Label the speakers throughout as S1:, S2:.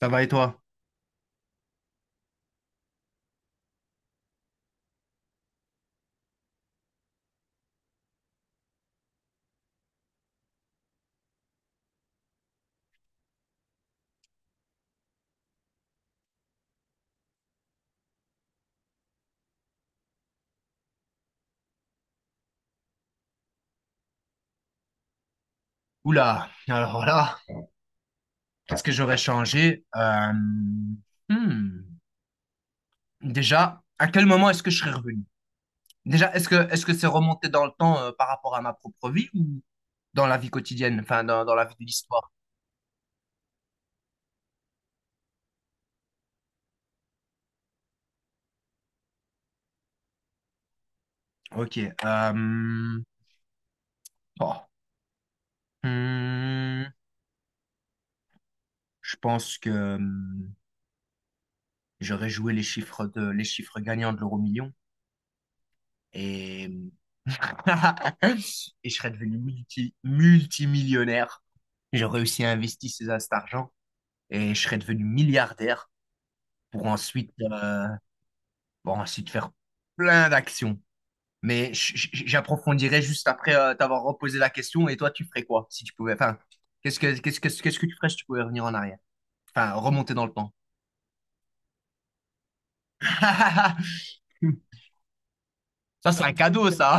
S1: Ça va et toi? Oula, alors là, qu'est-ce que j'aurais changé? Hmm. Déjà, à quel moment est-ce que je serais revenu? Déjà, est-ce que c'est remonté dans le temps par rapport à ma propre vie ou dans la vie quotidienne, enfin dans la vie de l'histoire? Ok. Oh, hmm, Je pense que j'aurais joué les chiffres de les chiffres gagnants de l'euro million et et je serais devenu multimillionnaire. J'ai réussi à investir cet argent et je serais devenu milliardaire pour ensuite faire plein d'actions. Mais j'approfondirai juste après t'avoir reposé la question. Et toi, tu ferais quoi si tu pouvais? Enfin, qu'est-ce que tu ferais si tu pouvais revenir en arrière? Enfin, remonter dans le temps. Ça, c'est un cadeau, ça.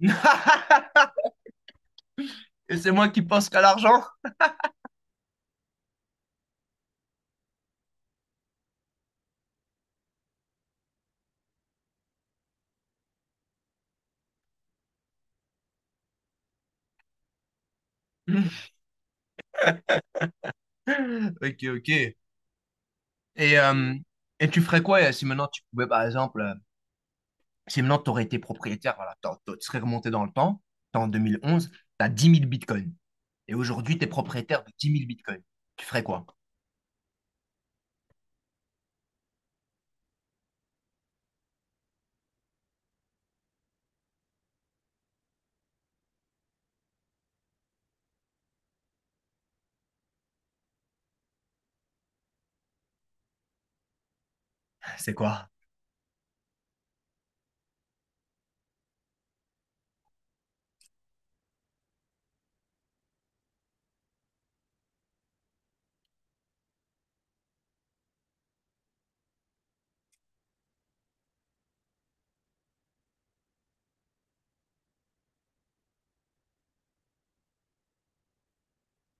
S1: Et c'est moi qui pense qu'à l'argent? Ok, ok. Et, euh, et tu ferais quoi si maintenant tu pouvais, par exemple, si maintenant tu aurais été propriétaire, voilà, tu serais remonté dans le temps, t'es en 2011, tu as 10 000 bitcoins. Et aujourd'hui, tu es propriétaire de 10 000 bitcoins. Tu ferais quoi? C'est quoi?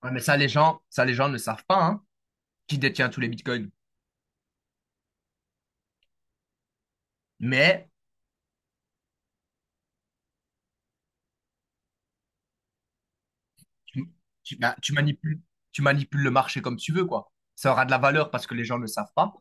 S1: Ouais, mais ça, les gens ne savent pas, hein, qui détient tous les bitcoins. Mais tu, tu- bah, tu manipules, tu manipules le marché comme tu veux, quoi. Ça aura de la valeur parce que les gens ne le savent pas.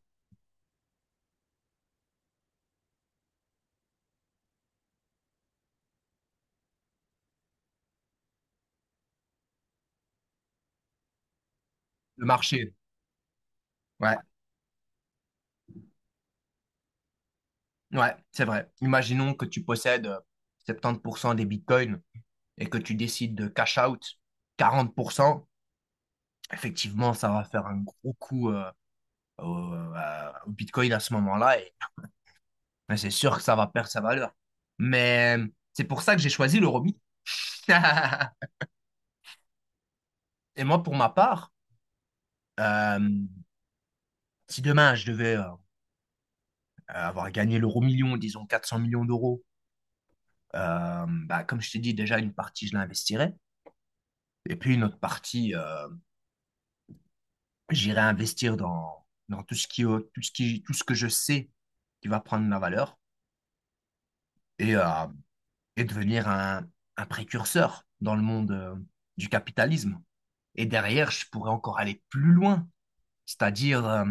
S1: Le marché, ouais, ouais, c'est vrai. Imaginons que tu possèdes 70% des bitcoins et que tu décides de cash out 40%. Effectivement, ça va faire un gros coup au Bitcoin à ce moment-là et ben, c'est sûr que ça va perdre sa valeur. Mais c'est pour ça que j'ai choisi l'Euromi. Et moi, pour ma part, euh, si demain je devais avoir gagné l'euro million, disons 400 millions d'euros, bah, comme je t'ai dit, déjà une partie, je l'investirais. Et puis une autre partie, j'irai investir dans tout ce qui, tout ce qui, tout ce que je sais qui va prendre la valeur. Et euh, et devenir un précurseur dans le monde du capitalisme. Et derrière, je pourrais encore aller plus loin, c'est-à-dire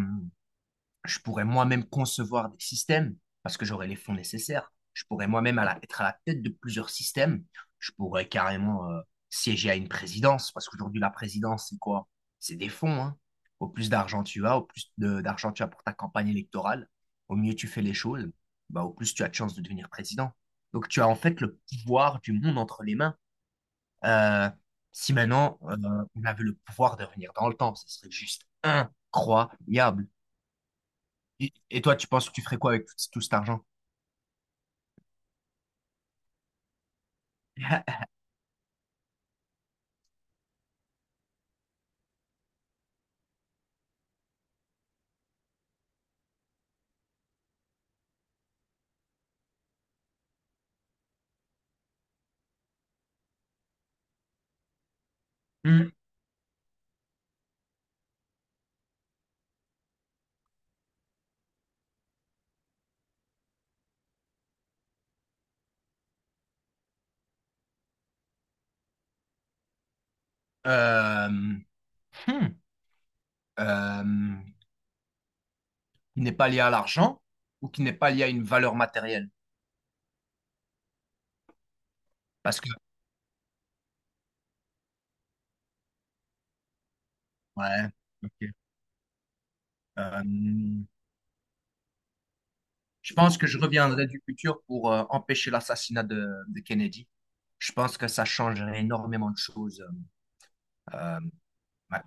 S1: je pourrais moi-même concevoir des systèmes parce que j'aurais les fonds nécessaires. Je pourrais moi-même être à la tête de plusieurs systèmes. Je pourrais carrément siéger à une présidence parce qu'aujourd'hui, la présidence, c'est quoi? C'est des fonds, hein. Au plus d'argent tu as, au plus d'argent tu as pour ta campagne électorale, au mieux tu fais les choses, bah, au plus tu as de chances de devenir président. Donc tu as en fait le pouvoir du monde entre les mains. Euh, Si maintenant on avait le pouvoir de revenir dans le temps, ce serait juste incroyable. Et toi, tu penses que tu ferais quoi avec tout, tout cet argent? Hmm, Euh, hmm, euh, qui n'est pas lié à l'argent ou qui n'est pas lié à une valeur matérielle? Parce que, ouais, ok. Euh, je pense que je reviendrai du futur pour empêcher l'assassinat de Kennedy. Je pense que ça changerait énormément de choses. Euh, ouais.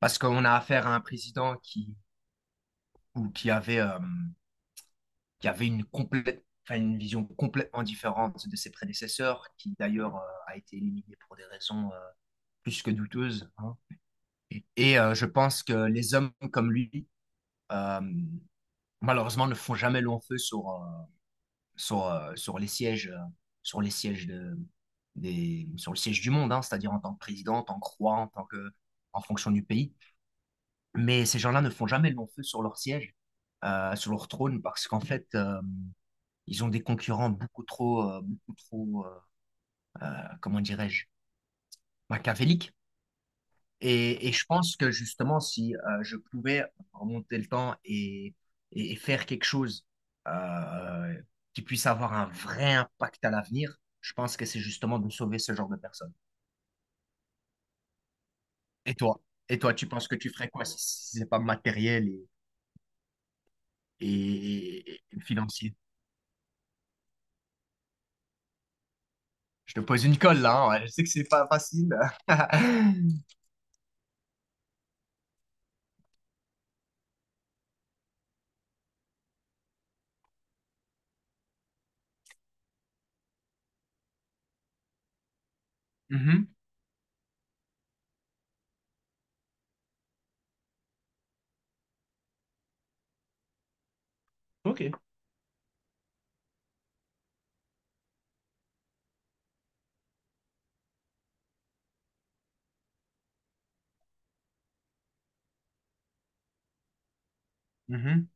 S1: Parce qu'on a affaire à un président qui, ou qui avait une complète enfin, une vision complètement différente de ses prédécesseurs, qui d'ailleurs a été éliminé pour des raisons plus que douteuses, hein. Je pense que les hommes comme lui, euh, malheureusement, ne font jamais long feu sur les sièges, sur les sièges de, sur le siège du monde, hein, c'est-à-dire en tant que président, en tant que roi, en tant que, en fonction du pays. Mais ces gens-là ne font jamais long feu sur leur siège, sur leur trône, parce qu'en fait, ils ont des concurrents beaucoup trop, comment dirais-je, machiavéliques. Et je pense que justement, si je pouvais remonter le temps et faire quelque chose euh, qui puisse avoir un vrai impact à l'avenir, je pense que c'est justement de sauver ce genre de personnes. Et toi? Et toi, tu penses que tu ferais quoi si c'est pas matériel et financier? Je te pose une colle là, hein, ouais, je sais que c'est pas facile. Mhm. Ok. Mhm.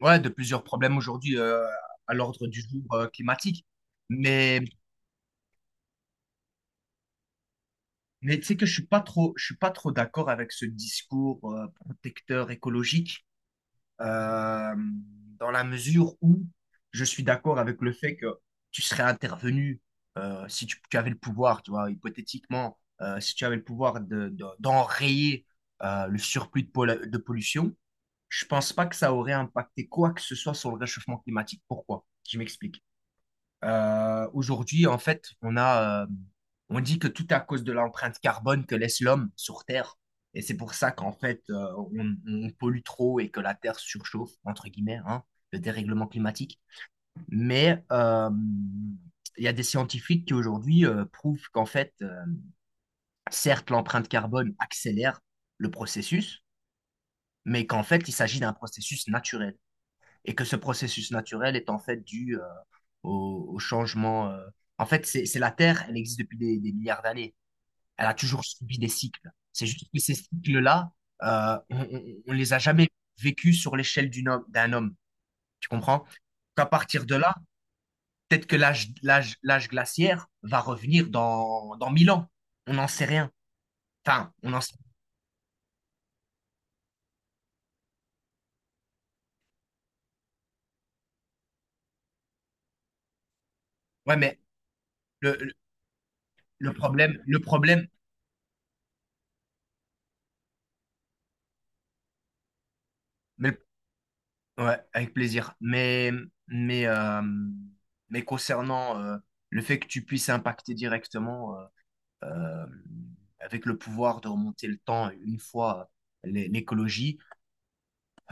S1: Ouais, de plusieurs problèmes aujourd'hui à l'ordre du jour climatique. Mais, mais tu sais que je suis pas trop, je suis pas trop d'accord avec ce discours protecteur écologique euh, dans la mesure où je suis d'accord avec le fait que tu serais intervenu si tu avais le pouvoir, tu vois, hypothétiquement, si tu avais le pouvoir d'enrayer le surplus de pollution, je pense pas que ça aurait impacté quoi que ce soit sur le réchauffement climatique. Pourquoi? Je m'explique. Aujourd'hui, en fait, on dit que tout à cause de l'empreinte carbone que laisse l'homme sur Terre. Et c'est pour ça qu'en fait, on pollue trop et que la Terre surchauffe, entre guillemets, hein, le dérèglement climatique. Mais il y a des scientifiques qui aujourd'hui prouvent qu'en fait, certes, l'empreinte carbone accélère le processus, mais qu'en fait, il s'agit d'un processus naturel et que ce processus naturel est en fait dû au changement. En fait, c'est la Terre, elle existe depuis des milliards d'années. Elle a toujours subi des cycles. C'est juste que ces cycles-là, euh, on, on- on les a jamais vécus sur l'échelle d'un homme. Tu comprends? Qu'à partir de là, peut-être que l'âge glaciaire va revenir dans 1000 ans. On n'en sait rien. Enfin, on en sait. Ouais, mais le le problème, le problème, mais ouais, avec plaisir. Mais, euh, mais concernant le fait que tu puisses impacter directement euh, avec le pouvoir de remonter le temps une fois l'écologie,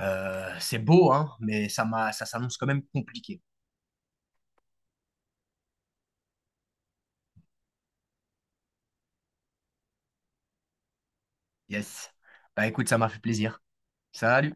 S1: c'est beau, hein, mais ça m'a, ça s'annonce quand même compliqué. Yes. Bah écoute, ça m'a fait plaisir. Salut.